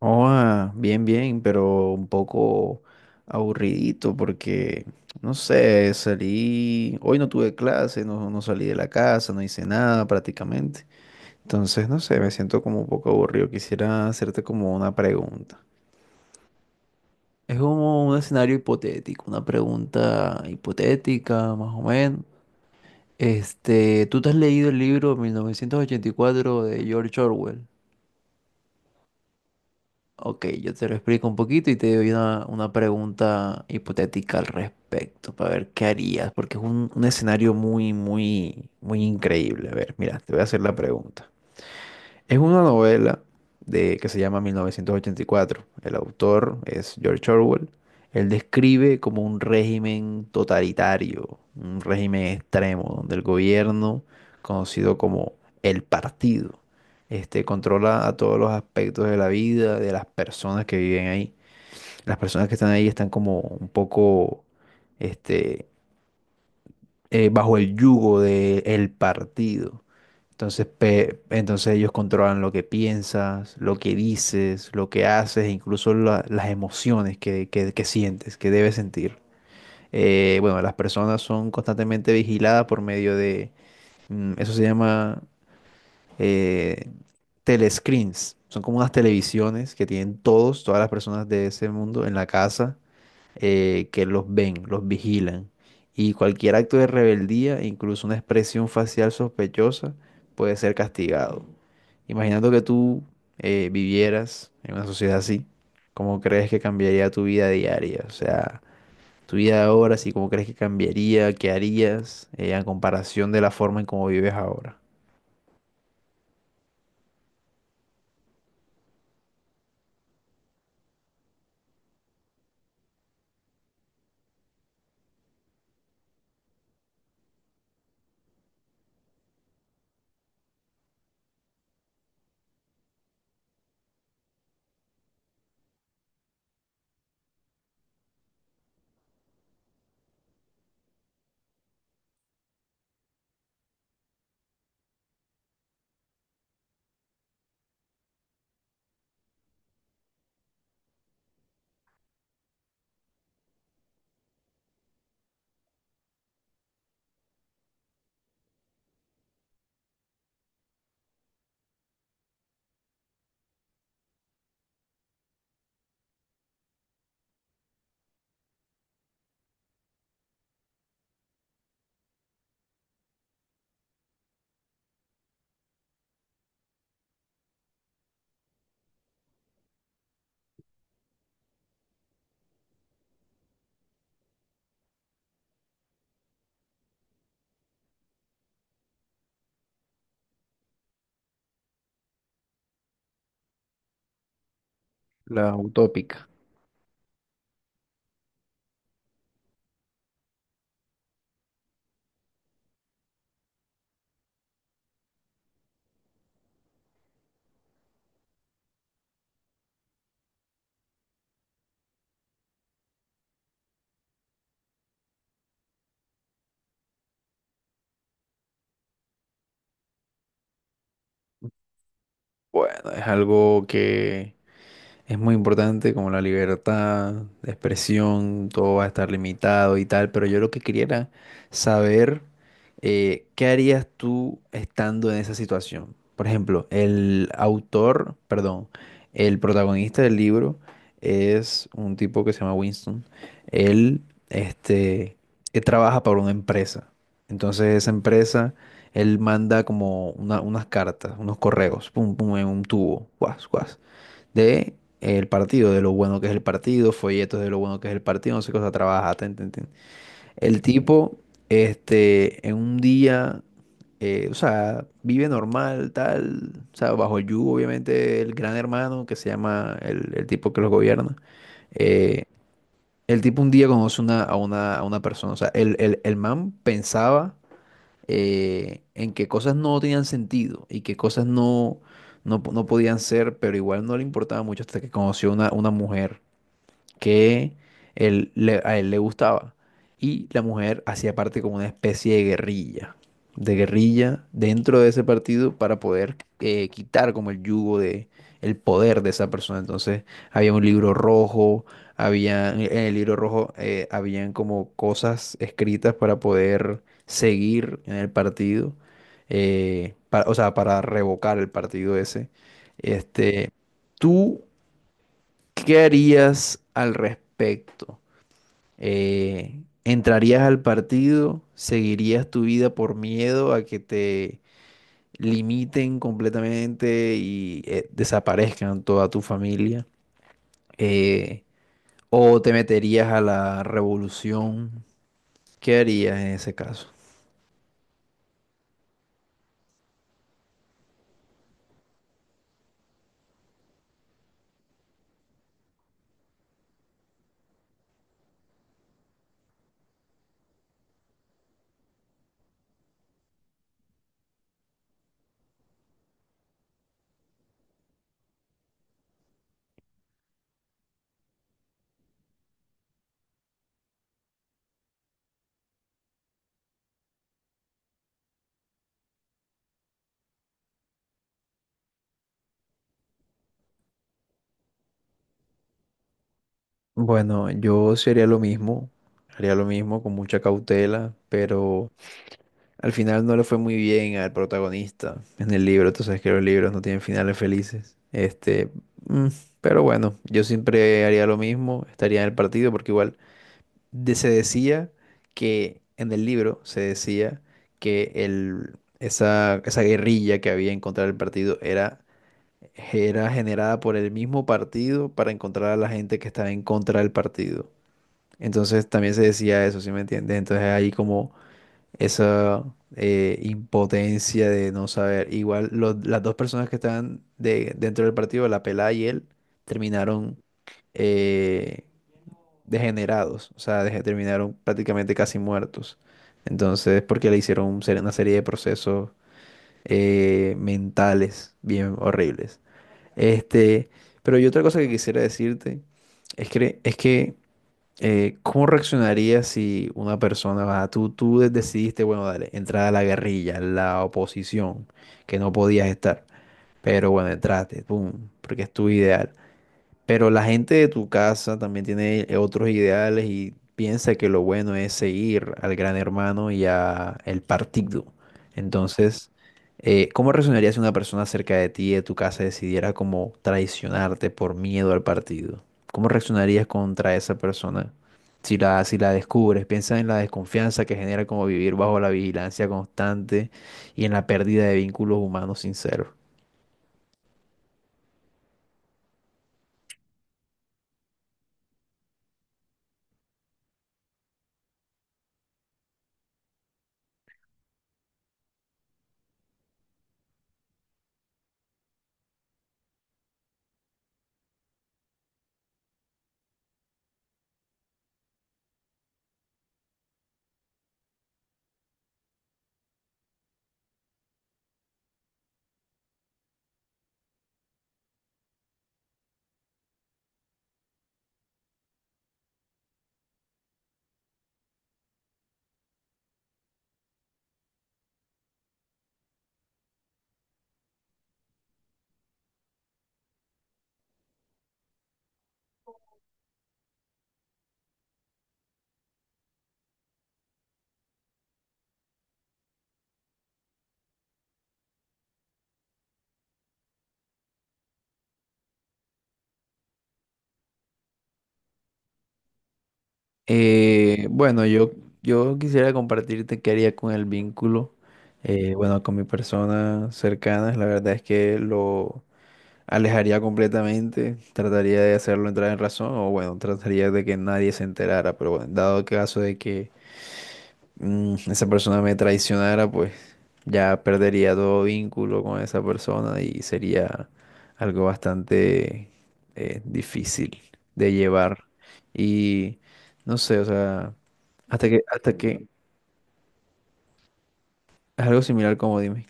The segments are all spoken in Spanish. Oh, ah, bien, bien, pero un poco aburridito porque, no sé, salí, hoy no tuve clase, no, no salí de la casa, no hice nada prácticamente. Entonces, no sé, me siento como un poco aburrido. Quisiera hacerte como una pregunta. Es como un escenario hipotético, una pregunta hipotética, más o menos. Este, ¿tú te has leído el libro 1984 de George Orwell? Ok, yo te lo explico un poquito y te doy una pregunta hipotética al respecto, para ver qué harías, porque es un escenario muy, muy, muy increíble. A ver, mira, te voy a hacer la pregunta. Es una novela que se llama 1984. El autor es George Orwell. Él describe como un régimen totalitario, un régimen extremo, donde el gobierno, conocido como el partido, controla a todos los aspectos de la vida de las personas que viven ahí. Las personas que están ahí están como un poco este, bajo el yugo del partido. Entonces, entonces ellos controlan lo que piensas, lo que dices, lo que haces, e incluso las emociones que sientes, que debes sentir. Bueno, las personas son constantemente vigiladas por medio de, eso se llama eh, telescreens. Son como unas televisiones que tienen todas las personas de ese mundo en la casa, que los ven, los vigilan. Y cualquier acto de rebeldía, incluso una expresión facial sospechosa, puede ser castigado. Imaginando que tú vivieras en una sociedad así, ¿cómo crees que cambiaría tu vida diaria? O sea, tu vida ahora, sí, ¿cómo crees que cambiaría? ¿Qué harías en comparación de la forma en cómo vives ahora? La utópica. Bueno, es algo que, es muy importante como la libertad de expresión, todo va a estar limitado y tal, pero yo lo que quería era saber qué harías tú estando en esa situación. Por ejemplo, el autor, perdón, el protagonista del libro es un tipo que se llama Winston. Él, este, él trabaja para una empresa. Entonces esa empresa, él manda como unas cartas, unos correos, pum, pum, en un tubo, guas, guas de el partido, de lo bueno que es el partido, folletos de lo bueno que es el partido, no sé qué cosa trabaja, ten, ten, ten. El tipo, en un día, o sea, vive normal, tal, o sea, bajo el yugo, obviamente, el gran hermano que se llama el tipo que los gobierna. Eh, el tipo un día conoce a una persona, o sea, el man pensaba en que cosas no tenían sentido y que cosas no, no podían ser, pero igual no le importaba mucho hasta que conoció una mujer que él, a él le gustaba. Y la mujer hacía parte como una especie de guerrilla dentro de ese partido para poder quitar como el yugo de, el poder de esa persona. Entonces había un libro rojo, había, en el libro rojo habían como cosas escritas para poder seguir en el partido, o sea, para revocar el partido ese. Este, tú, ¿qué harías al respecto? ¿Entrarías al partido? ¿Seguirías tu vida por miedo a que te limiten completamente y desaparezcan toda tu familia? Eh, ¿O te meterías a la revolución? ¿Qué harías en ese caso? Bueno, yo sí haría lo mismo con mucha cautela, pero al final no le fue muy bien al protagonista en el libro. Tú sabes que los libros no tienen finales felices. Este, mm, pero bueno, yo siempre haría lo mismo, estaría en el partido porque igual se decía, que en el libro se decía, que esa guerrilla que había en contra del partido era, era generada por el mismo partido para encontrar a la gente que estaba en contra del partido. Entonces también se decía eso, ¿sí me entiendes? Entonces ahí como esa impotencia de no saber. Igual las dos personas que estaban de, dentro del partido, la pelada y él, terminaron eh, degenerados, o sea, terminaron prácticamente casi muertos. Entonces, porque le hicieron una serie de procesos mentales bien horribles. Este, pero yo otra cosa que quisiera decirte es es que ¿cómo reaccionarías si una persona, va, tú decidiste, bueno, dale, entrar a la guerrilla, a la oposición, que no podías estar, pero bueno, entraste, pum, porque es tu ideal. Pero la gente de tu casa también tiene otros ideales y piensa que lo bueno es seguir al gran hermano y a el partido. Entonces, ¿cómo reaccionaría si una persona cerca de ti, de tu casa, decidiera como traicionarte por miedo al partido? ¿Cómo reaccionarías contra esa persona? Si la descubres, piensa en la desconfianza que genera como vivir bajo la vigilancia constante y en la pérdida de vínculos humanos sinceros. Bueno, yo quisiera compartirte qué haría con el vínculo, bueno, con mi persona cercana. La verdad es que lo alejaría completamente, trataría de hacerlo entrar en razón o bueno, trataría de que nadie se enterara, pero bueno, dado el caso de que, mm, esa persona me traicionara, pues ya perdería todo vínculo con esa persona y sería algo bastante difícil de llevar. Y no sé, o sea, hasta que, hasta que, algo similar, como dime.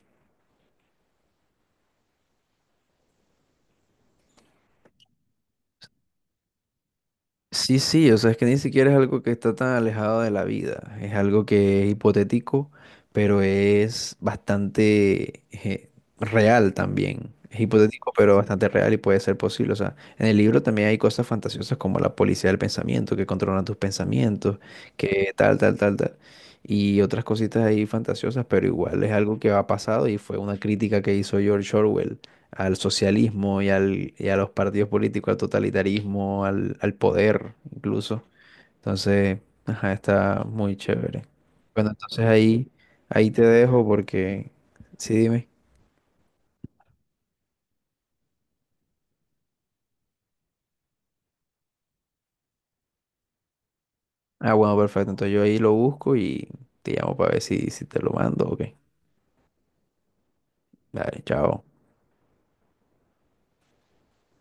Sí, sí, o sea, es que ni siquiera es algo que está tan alejado de la vida, es algo que es hipotético, pero es bastante real también. Es hipotético, pero bastante real y puede ser posible. O sea, en el libro también hay cosas fantasiosas como la policía del pensamiento, que controlan tus pensamientos, que tal, tal, tal, tal. Y otras cositas ahí fantasiosas, pero igual es algo que ha pasado y fue una crítica que hizo George Orwell al socialismo y a los partidos políticos, al totalitarismo, al poder incluso. Entonces, ajá, está muy chévere. Bueno, entonces ahí, ahí te dejo porque, sí, dime. Ah, bueno, perfecto. Entonces yo ahí lo busco y te llamo para ver si, si te lo mando. Ok. Dale, chao.